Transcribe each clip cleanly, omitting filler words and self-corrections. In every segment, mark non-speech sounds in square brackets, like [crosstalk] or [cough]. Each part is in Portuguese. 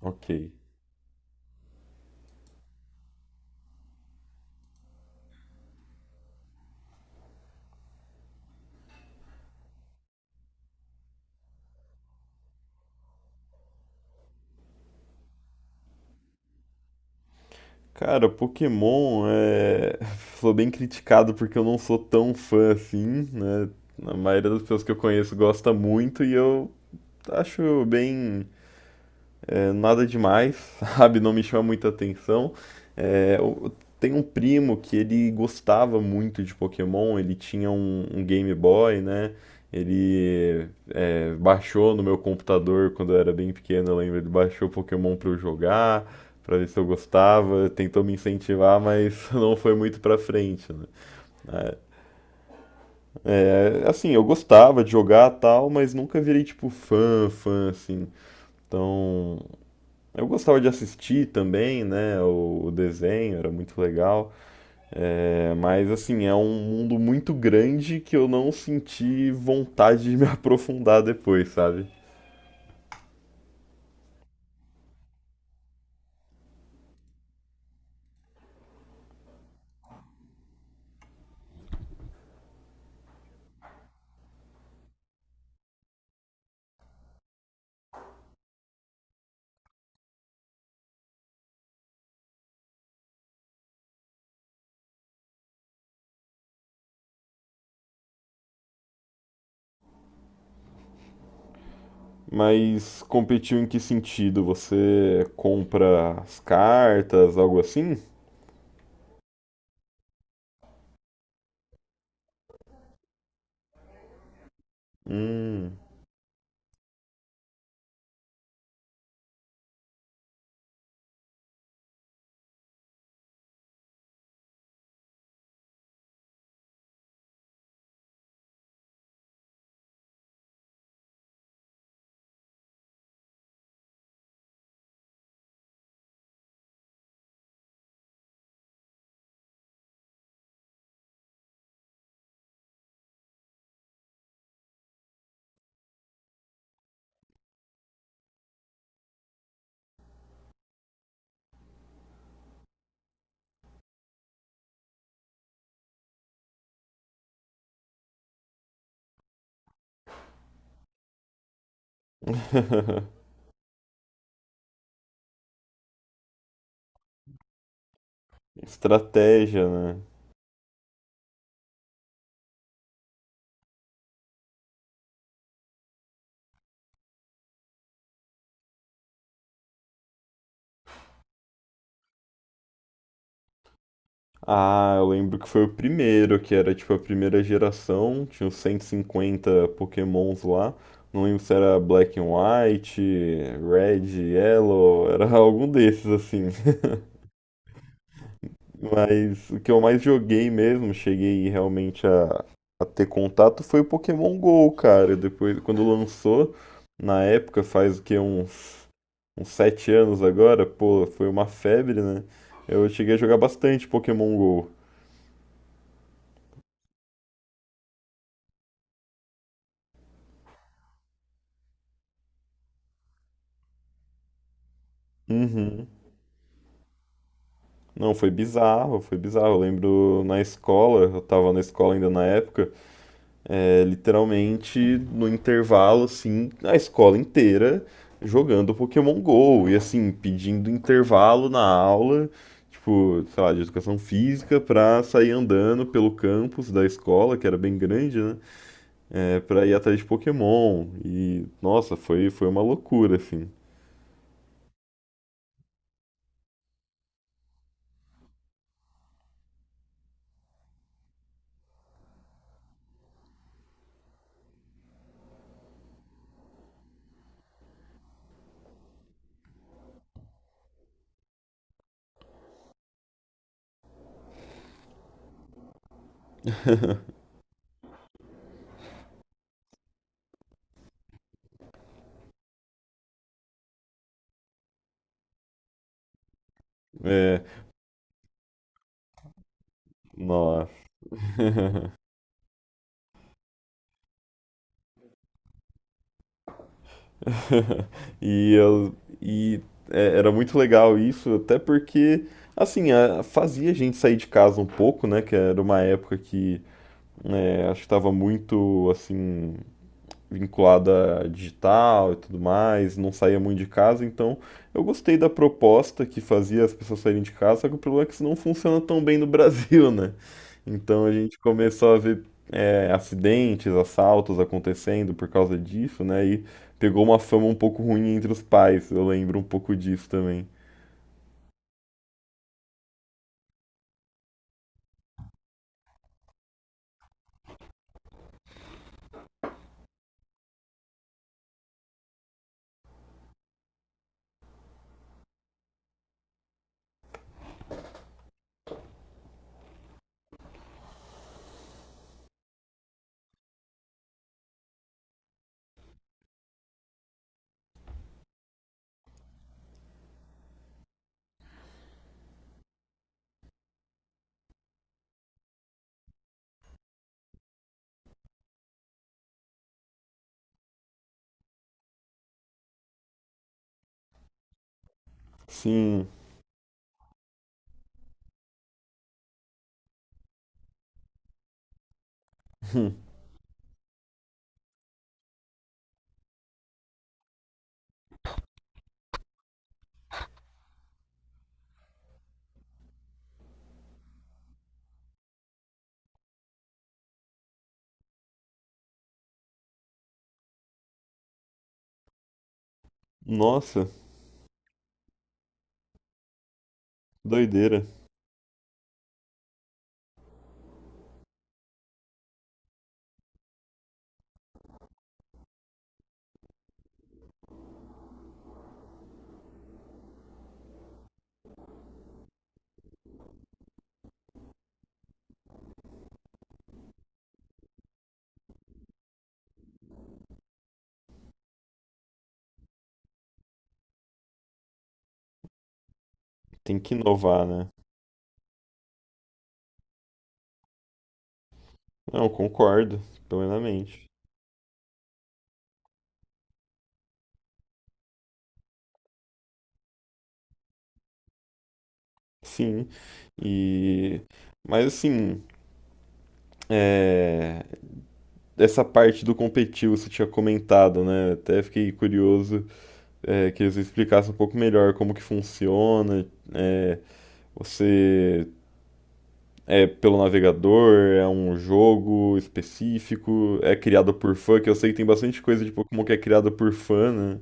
Ok. Cara, Pokémon [laughs] Sou bem criticado porque eu não sou tão fã assim, né? A maioria das pessoas que eu conheço gosta muito e eu acho bem, nada demais, [laughs] sabe? Não me chama muita atenção. Eu tenho um primo que ele gostava muito de Pokémon. Ele tinha um Game Boy, né? Ele Baixou no meu computador quando eu era bem pequeno, eu lembro. Ele baixou Pokémon pra eu jogar, pra ver se eu gostava, tentou me incentivar, mas [laughs] não foi muito pra frente, né. Assim, eu gostava de jogar, tal, mas nunca virei tipo fã, assim. Então, eu gostava de assistir também, né, o desenho, era muito legal, mas assim, é um mundo muito grande que eu não senti vontade de me [laughs] aprofundar depois, sabe. Mas competiu em que sentido? Você compra as cartas, algo assim? Hum. [laughs] Estratégia, né? Ah, eu lembro que foi o primeiro, que era tipo a primeira geração, tinha uns 150 Pokémons lá. Não lembro se era Black and White, Red, Yellow, era [laughs] algum desses assim. Mas o que eu mais joguei mesmo, cheguei realmente a ter contato, foi o Pokémon GO, cara. Depois, quando lançou, na época, faz o que, uns sete anos agora, pô, foi uma febre, né? Eu cheguei a jogar bastante Pokémon GO. Uhum. Não, foi bizarro, foi bizarro. Eu lembro na escola, eu tava na escola ainda na época. É, literalmente, no intervalo, assim, a escola inteira jogando Pokémon Go e, assim, pedindo intervalo na aula, tipo, sei lá, de educação física, pra sair andando pelo campus da escola, que era bem grande, né? É, pra ir atrás de Pokémon. E, nossa, foi uma loucura, assim. É, nossa. [laughs] [laughs] E eu e é, era muito legal isso, até porque assim, fazia a gente sair de casa um pouco, né, que era uma época que, né, acho que estava muito assim, vinculada a digital e tudo mais, não saía muito de casa, então eu gostei da proposta que fazia as pessoas saírem de casa, só que o problema é que isso não funciona tão bem no [laughs] Brasil, né? Então a gente começou a ver acidentes, assaltos acontecendo por causa disso, né? E pegou uma fama um pouco ruim entre os pais, eu lembro um pouco disso também. Sim, nossa, doideira. Tem que inovar, né? Não, concordo, plenamente. Sim, e. Mas assim, É, essa parte do competitivo você tinha comentado, né? Até fiquei curioso, que eles explicassem um pouco melhor como que funciona. É, você é pelo navegador, é um jogo específico, é criado por fã, que eu sei que tem bastante coisa de Pokémon que é criada por fã, né?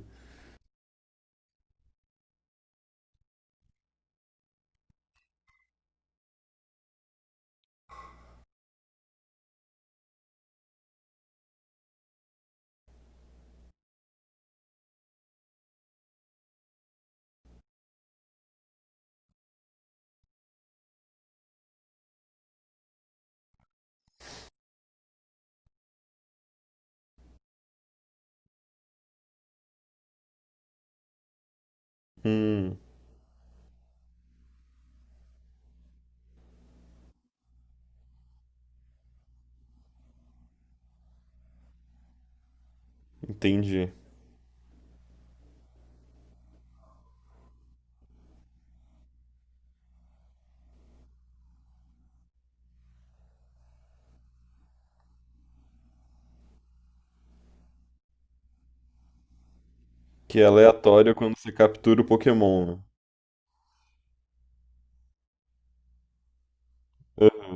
Hum, entendi. Que é aleatório quando você captura o Pokémon, né? Ah,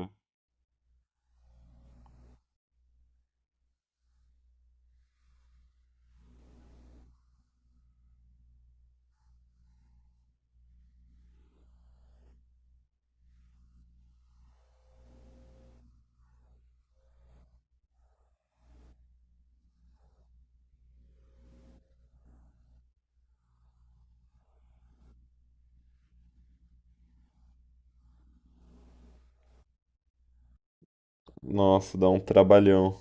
nossa, dá um trabalhão.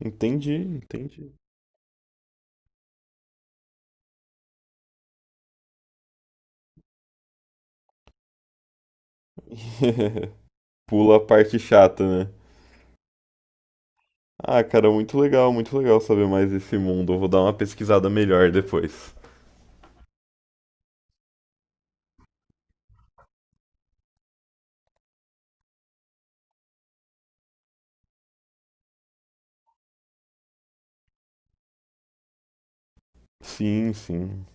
Entendi, entendi. [laughs] Pula a parte chata, né? Ah, cara, muito legal saber mais desse mundo. Eu vou dar uma pesquisada melhor depois. Sim, sim.